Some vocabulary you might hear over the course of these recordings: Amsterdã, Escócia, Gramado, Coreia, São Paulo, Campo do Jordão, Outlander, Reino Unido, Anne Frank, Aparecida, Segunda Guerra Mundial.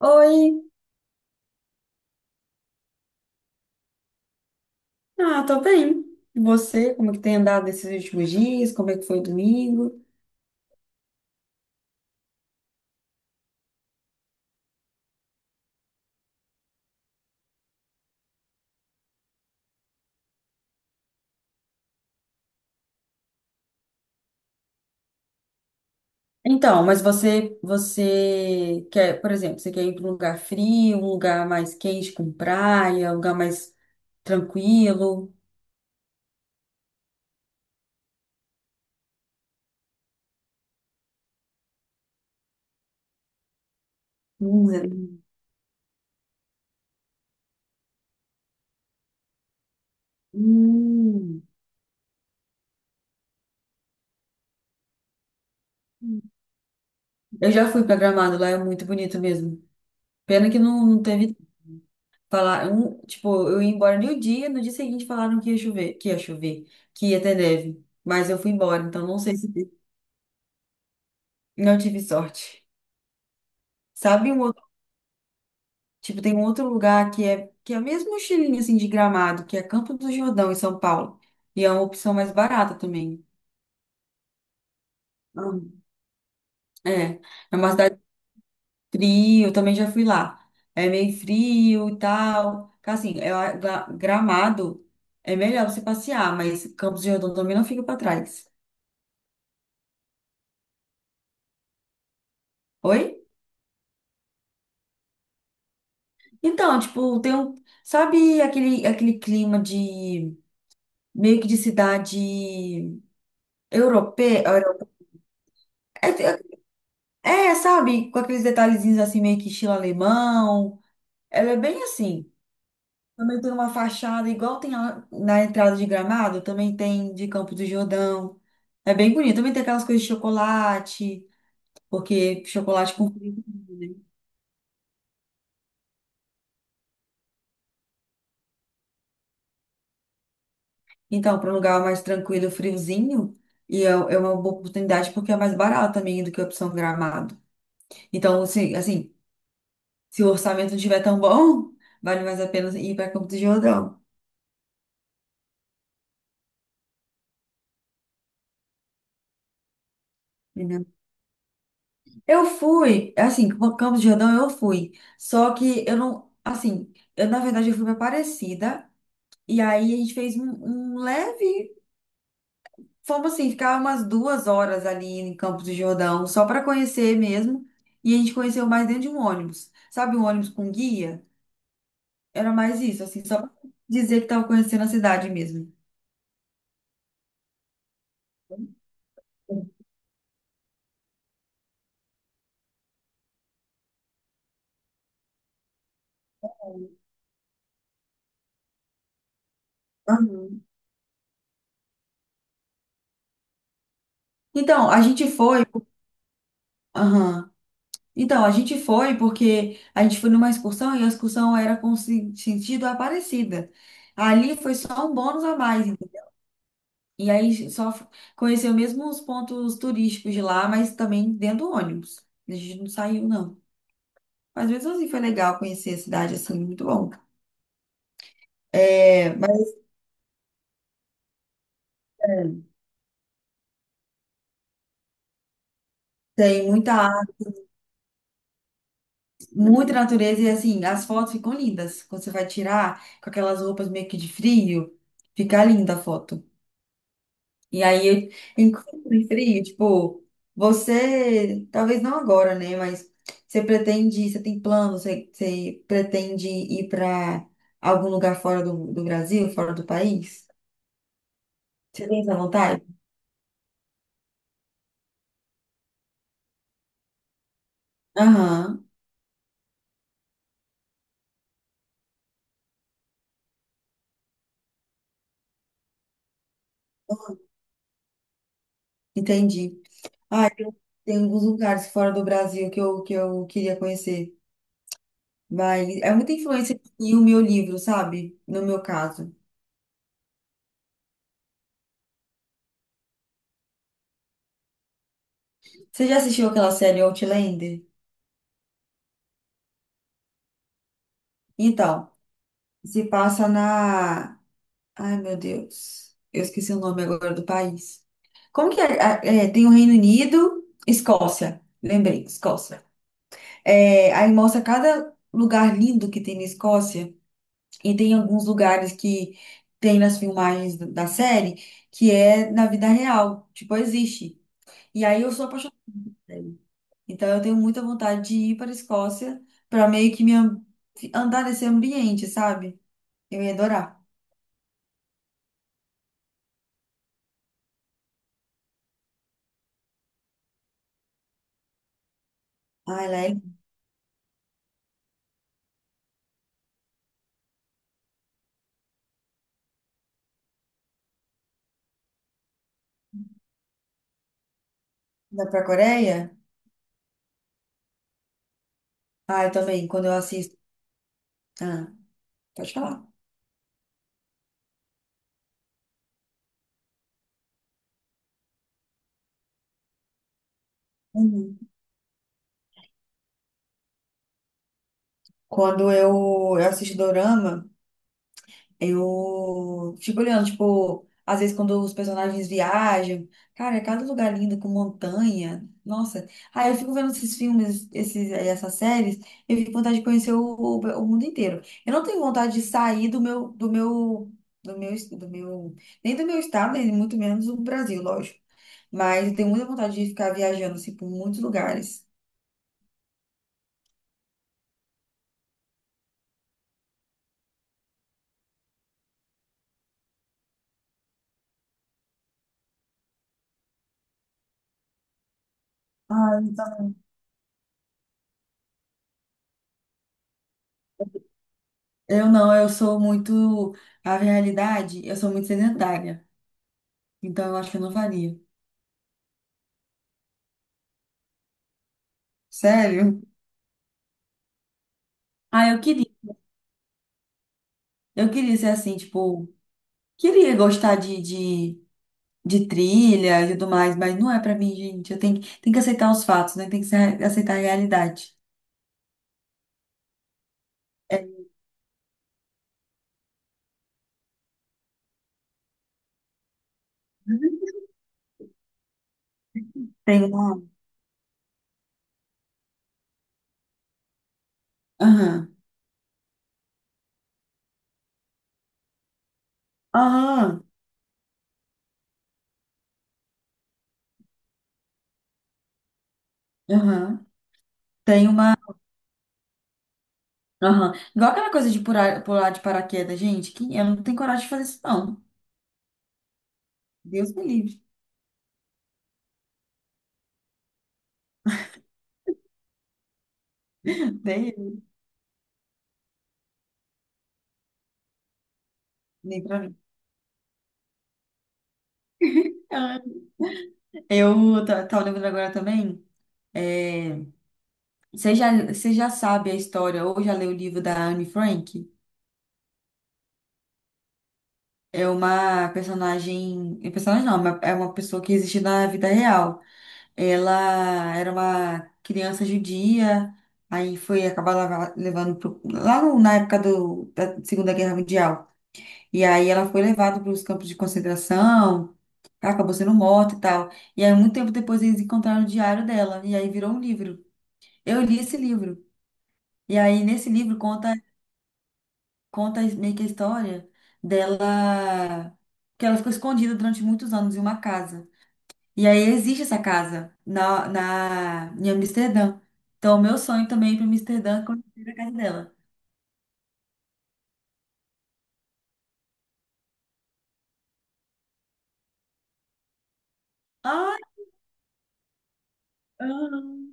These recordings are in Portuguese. Oi, ah, tô bem. E você, como que tem andado esses últimos dias? Como é que foi o domingo? Então, mas você quer, por exemplo, você quer ir para um lugar frio, um lugar mais quente com praia, um lugar mais tranquilo? Hum, hum. Eu já fui pra Gramado, lá é muito bonito mesmo. Pena que não teve falar, tipo, eu ia embora no dia, no dia seguinte falaram que ia chover, que ia ter neve, mas eu fui embora, então não sei se não tive sorte. Sabe um outro, tipo, tem um outro lugar que é mesmo um estilinho assim de Gramado, que é Campo do Jordão em São Paulo. E é uma opção mais barata também. Hum. É, é uma cidade fria, eu também já fui lá. É meio frio e tal. Assim, é, Gramado é melhor você passear, mas Campos do Jordão também não fica pra trás. Oi? Então, tipo, tem um, sabe aquele clima de meio que de cidade europeia, é, é, sabe, com aqueles detalhezinhos assim, meio que estilo alemão. Ela é bem assim. Também tem uma fachada, igual tem na entrada de Gramado, também tem de Campos do Jordão. É bem bonito. Também tem aquelas coisas de chocolate, porque chocolate com frio, né? Então, para um lugar mais tranquilo, friozinho, e é, é uma boa oportunidade porque é mais barato também do que a opção Gramado. Então, assim, se o orçamento não estiver tão bom, vale mais a pena ir para Campos do Jordão. Eu fui, assim, com Campos de Jordão eu fui. Só que eu não, assim, eu na verdade eu fui pra Aparecida. E aí a gente fez um, um leve, fomos assim, ficar umas duas horas ali em Campos do Jordão, só para conhecer mesmo. E a gente conheceu mais dentro de um ônibus. Sabe, um ônibus com guia? Era mais isso, assim, só pra dizer que tava conhecendo a cidade mesmo. Uhum. Então, a gente foi. Aham. Então, a gente foi porque a gente foi numa excursão e a excursão era com sentido Aparecida. Ali foi só um bônus a mais, entendeu? E aí conheceu mesmo os pontos turísticos de lá, mas também dentro do ônibus. A gente não saiu, não. Mas mesmo assim foi legal conhecer a cidade, assim, muito bom. É, mas tem muita, arte, muita natureza e assim, as fotos ficam lindas. Quando você vai tirar com aquelas roupas meio que de frio, fica linda a foto. E aí, eu, inclusive, frio, tipo, você, talvez não agora, né? Mas você pretende, você tem plano, você, você pretende ir para algum lugar fora do, do Brasil, fora do país? Você tem essa vontade? Aham, entendi. Ah, tem, tem alguns lugares fora do Brasil que eu queria conhecer. Mas é muita influência e o meu livro, sabe? No meu caso. Você já assistiu aquela série Outlander? Então, se passa na ai, meu Deus. Eu esqueci o nome agora do país. Como que é? Ah, é, tem o Reino Unido, Escócia. Lembrei, Escócia. É, aí mostra cada lugar lindo que tem na Escócia. E tem alguns lugares que tem nas filmagens da série que é na vida real. Tipo, existe. E aí eu sou apaixonada por ele. Então eu tenho muita vontade de ir para a Escócia para meio que andar nesse ambiente, sabe? Eu ia adorar. Ah, ela é linda para a Coreia? Ah, eu também, quando eu assisto. Ah, pode falar. Uhum. Quando eu, eu assisto dorama, eu fico olhando, tipo, às vezes quando os personagens viajam, cara, é cada lugar lindo com montanha. Nossa. Aí eu fico vendo esses filmes, esses, essas séries, eu fico com vontade de conhecer o mundo inteiro. Eu não tenho vontade de sair do meu, do meu, do meu, es- do meu, nem do meu estado, nem muito menos do Brasil, lógico. Mas eu tenho muita vontade de ficar viajando, assim, por muitos lugares. Ai, eu não, eu sou muito. A realidade, eu sou muito sedentária. Então eu acho que eu não faria. Sério? Ah, eu queria. Eu queria ser assim, tipo. Queria gostar de trilha e tudo mais, mas não é pra mim, gente. Eu tenho, tenho que aceitar os fatos, né? Tem que aceitar a realidade. É, tem uma. Aham. Aham. Aham. Tem uma. Aham. Igual aquela coisa de pular, pular de paraquedas, gente, que eu não tenho coragem de fazer isso, não. Deus me livre. Nem, nem pra mim. Tava lembrando agora também. É, você já sabe a história ou já leu o livro da Anne Frank? É uma personagem. É personagem não, é uma pessoa que existe na vida real. Ela era uma criança judia, aí foi acabar levando lá na época do, da Segunda Guerra Mundial. E aí ela foi levada para os campos de concentração, acabou sendo morta e tal. E aí, muito tempo depois, eles encontraram o diário dela, e aí virou um livro. Eu li esse livro. E aí, nesse livro, conta meio que a história dela, que ela ficou escondida durante muitos anos em uma casa. E aí, existe essa casa em Amsterdã. Então, o meu sonho também é ir para Amsterdã e conhecer a casa dela. Ah, aham,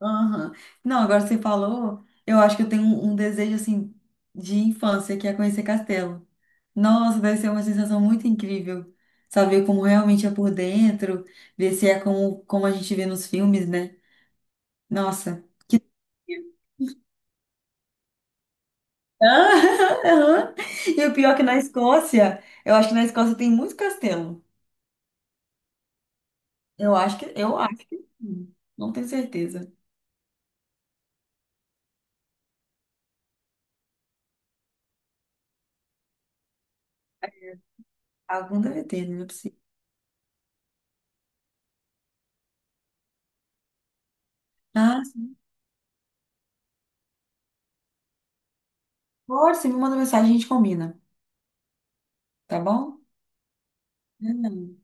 aham. Não, agora você falou, eu acho que eu tenho um, um desejo, assim, de infância, que é conhecer castelo. Nossa, deve ser uma sensação muito incrível. Saber como realmente é por dentro, ver se é como, como a gente vê nos filmes, né? Nossa. Ah, aham. E o pior é que na Escócia, eu acho que na Escócia tem muito castelo. Eu acho que sim. Não tenho certeza. Algum deve ter, não é possível. Ah, sim. Pode, você me manda mensagem, a gente combina, tá bom? Não, não.